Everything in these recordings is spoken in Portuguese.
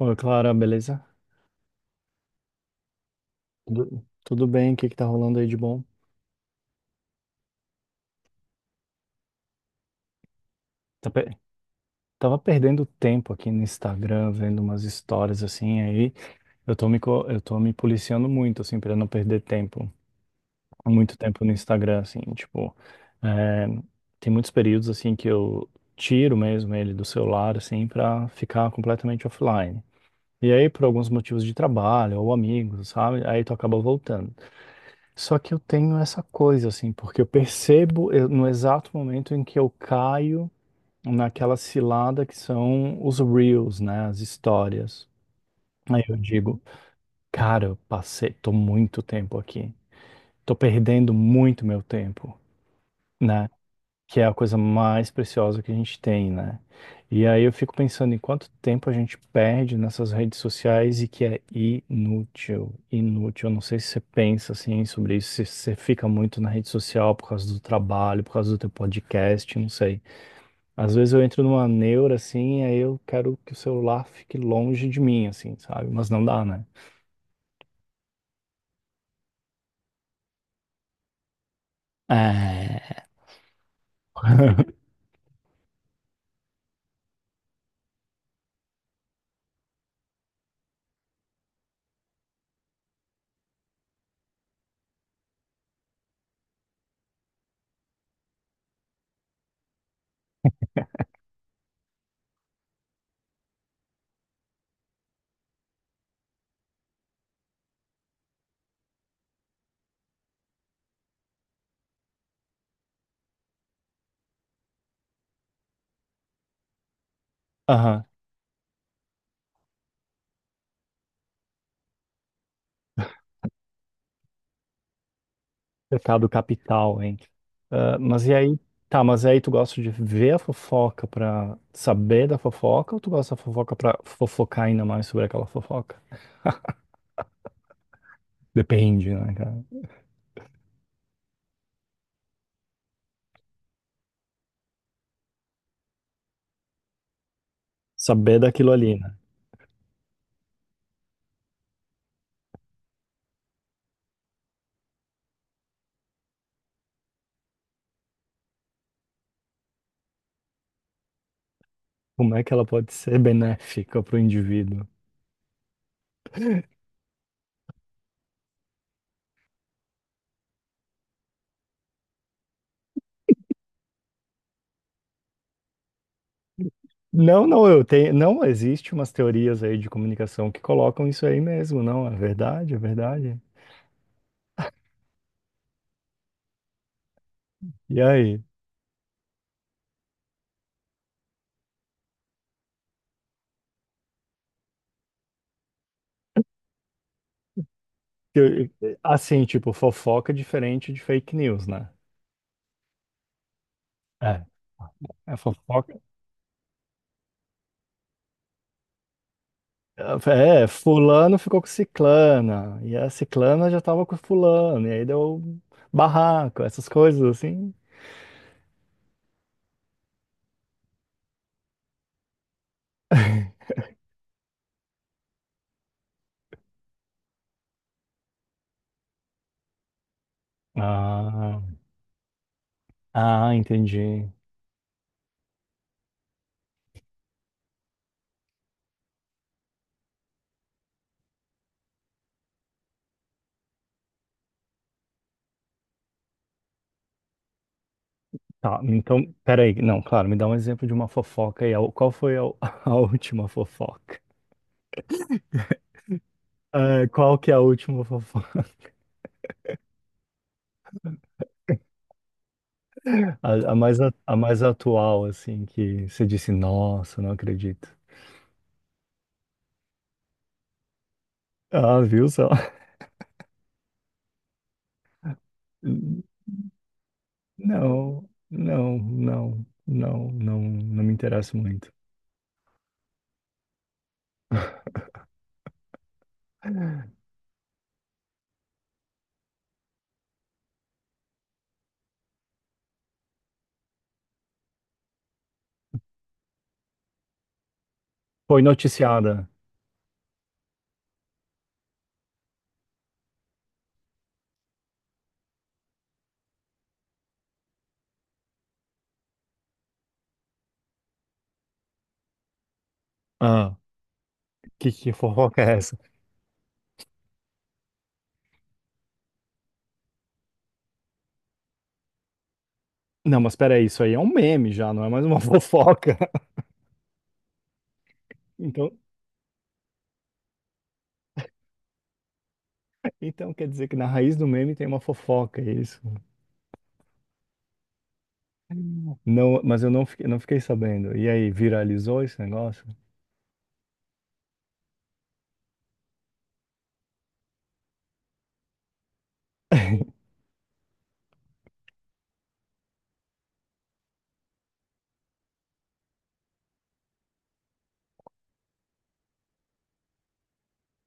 Oi, Clara, beleza? Tudo, tudo bem? O que que tá rolando aí de bom? Tá pe- Tava perdendo tempo aqui no Instagram, vendo umas histórias assim, aí eu tô me policiando muito, assim, pra não perder tempo, muito tempo no Instagram, assim, tipo, é, tem muitos períodos, assim, que eu tiro mesmo ele do celular, assim, pra ficar completamente offline. E aí, por alguns motivos de trabalho ou amigos, sabe? Aí tu acaba voltando. Só que eu tenho essa coisa, assim, porque eu percebo no exato momento em que eu caio naquela cilada que são os reels, né? As histórias. Aí eu digo, cara, tô muito tempo aqui. Tô perdendo muito meu tempo, né, que é a coisa mais preciosa que a gente tem, né? E aí eu fico pensando em quanto tempo a gente perde nessas redes sociais e que é inútil, inútil. Eu não sei se você pensa assim sobre isso, se você fica muito na rede social por causa do trabalho, por causa do teu podcast, não sei. Às vezes eu entro numa neura assim, aí eu quero que o celular fique longe de mim, assim, sabe? Mas não dá, né? É. Aham. Pecado capital, hein? Ah, mas e aí, tá, mas aí tu gosta de ver a fofoca pra saber da fofoca ou tu gosta da fofoca pra fofocar ainda mais sobre aquela fofoca? Depende, né, cara? Saber daquilo ali, né? Como é que ela pode ser benéfica pro indivíduo? Não, não, não existe umas teorias aí de comunicação que colocam isso aí mesmo, não, é verdade, é verdade. E aí? Eu- Assim, tipo, fofoca é diferente de fake news, né? É. É fofoca. É, fulano ficou com ciclana, e a ciclana já tava com fulano, e aí deu barraco, essas coisas assim. Ah, ah, entendi. Tá, então, peraí, não, claro, me dá um exemplo de uma fofoca aí. Qual foi a, a última fofoca? É, qual que é a última fofoca? A mais atual, assim, que você disse, nossa, não acredito. Ah, viu só? Não, não, não, não, não, não me interessa muito. Foi noticiada. Ah, que fofoca é essa? Não, mas peraí, isso aí é um meme já, não é mais uma fofoca. Então, então quer dizer que na raiz do meme tem uma fofoca, é isso? Não, mas eu não fiquei sabendo. E aí, viralizou esse negócio?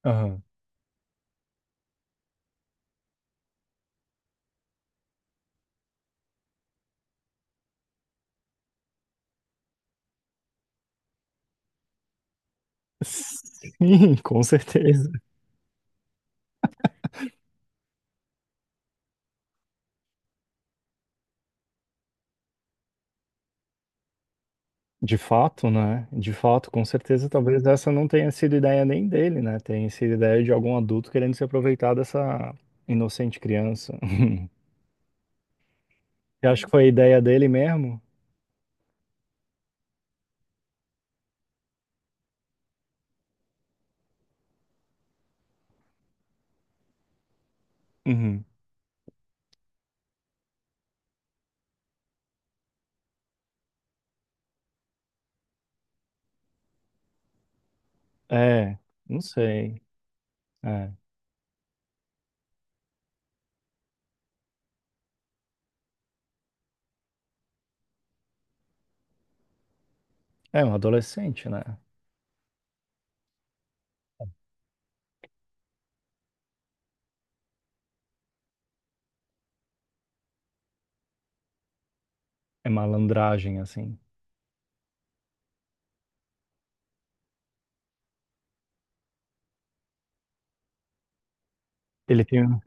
Aham. Sim, com certeza. De fato, né? De fato, com certeza, talvez essa não tenha sido ideia nem dele, né? Tenha sido ideia de algum adulto querendo se aproveitar dessa inocente criança. Eu acho que foi a ideia dele mesmo? Uhum. É, não sei. É, é um adolescente, né? É malandragem, assim. Ele tem. Um,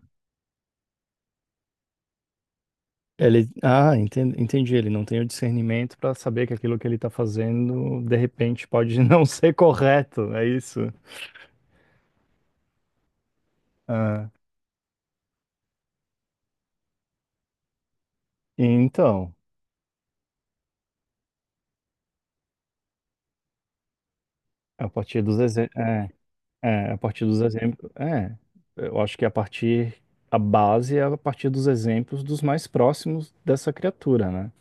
Ele, ah, enten- entendi. Ele não tem o discernimento para saber que aquilo que ele tá fazendo, de repente, pode não ser correto. É isso. Ah, e então, a partir dos exemplos. É, é, a partir dos exemplos. É, eu acho que a partir. A base é a partir dos exemplos dos mais próximos dessa criatura, né?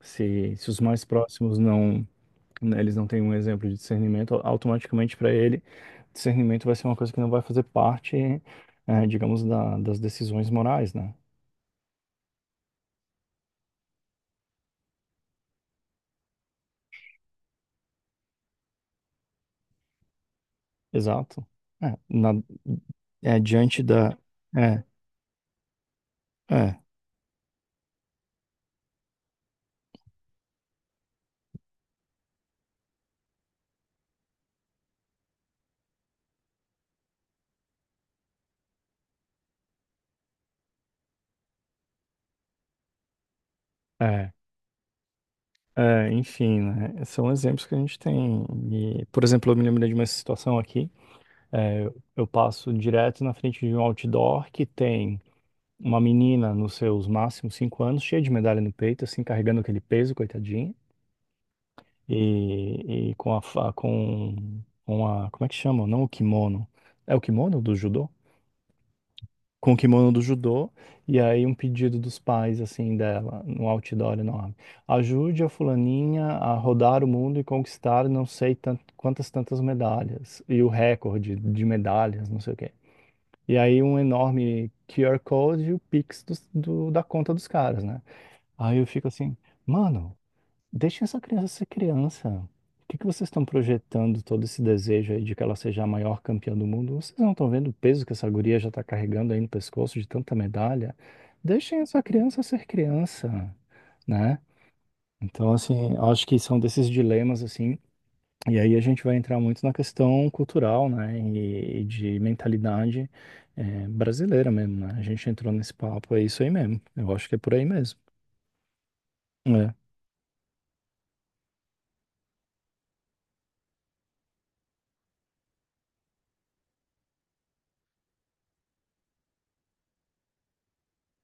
Se os mais próximos não, né, eles não têm um exemplo de discernimento, automaticamente para ele, discernimento vai ser uma coisa que não vai fazer parte, digamos, das decisões morais, né? Exato. É, na, diante da. É, é, é, enfim, né? São exemplos que a gente tem. E, por exemplo, eu me lembrei de uma situação aqui. é, eu passo direto na frente de um outdoor que tem uma menina nos seus máximos 5 anos, cheia de medalha no peito, assim, carregando aquele peso, coitadinha. e, e com a, fa- com, como é que chama? Não o kimono. É o kimono do judô? Com o kimono do judô, e aí um pedido dos pais, assim, dela, num outdoor enorme. Ajude a fulaninha a rodar o mundo e conquistar não sei tant- quantas tantas medalhas, e o recorde de medalhas, não sei o quê. E aí um enorme QR Code e o Pix da conta dos caras, né? Aí eu fico assim, mano, deixem essa criança ser criança. O que que vocês estão projetando todo esse desejo aí de que ela seja a maior campeã do mundo? Vocês não estão vendo o peso que essa guria já está carregando aí no pescoço de tanta medalha? Deixem essa criança ser criança, né? Então, assim, eu acho que são desses dilemas, assim, e aí a gente vai entrar muito na questão cultural, né, e de mentalidade, brasileira mesmo, né? A gente entrou nesse papo, é isso aí mesmo. Eu acho que é por aí mesmo. É.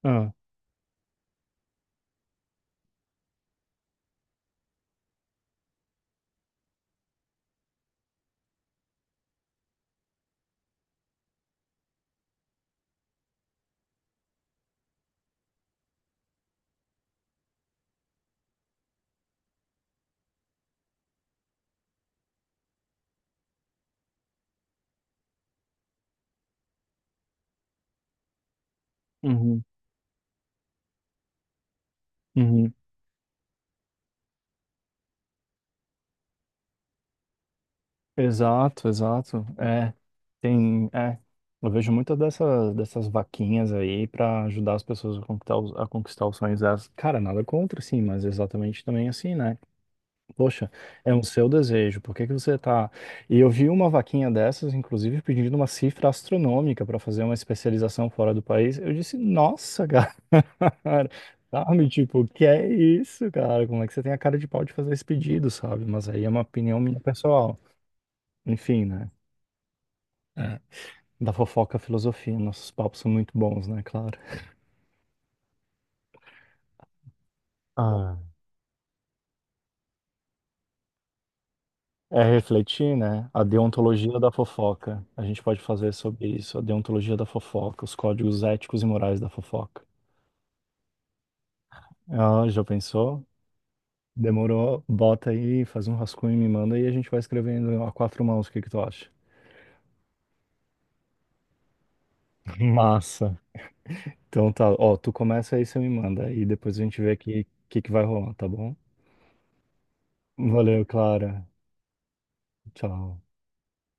Ah. Uhum. Uhum. Exato, exato. É, tem, eu vejo muitas dessas, dessas vaquinhas aí para ajudar as pessoas a conquistar a conquistar os sonhos delas. Cara, nada contra, sim, mas exatamente também assim, né? Poxa, é um seu desejo, por que que você tá... E eu vi uma vaquinha dessas, inclusive, pedindo uma cifra astronômica para fazer uma especialização fora do país. Eu disse, nossa, cara, sabe? Tipo, que é isso, cara? Como é que você tem a cara de pau de fazer esse pedido, sabe? Mas aí é uma opinião minha pessoal. Enfim, né? É. Da fofoca à filosofia. Nossos papos são muito bons, né? Claro. Ah, é refletir, né? A deontologia da fofoca. A gente pode fazer sobre isso. A deontologia da fofoca. Os códigos éticos e morais da fofoca. Ah, já pensou? Demorou? Bota aí, faz um rascunho e me manda e a gente vai escrevendo a quatro mãos. O que que tu acha? Massa. Então tá. Ó, tu começa aí, você me manda. E depois a gente vê o que, que vai rolar, tá bom? Valeu, Clara. Tchau.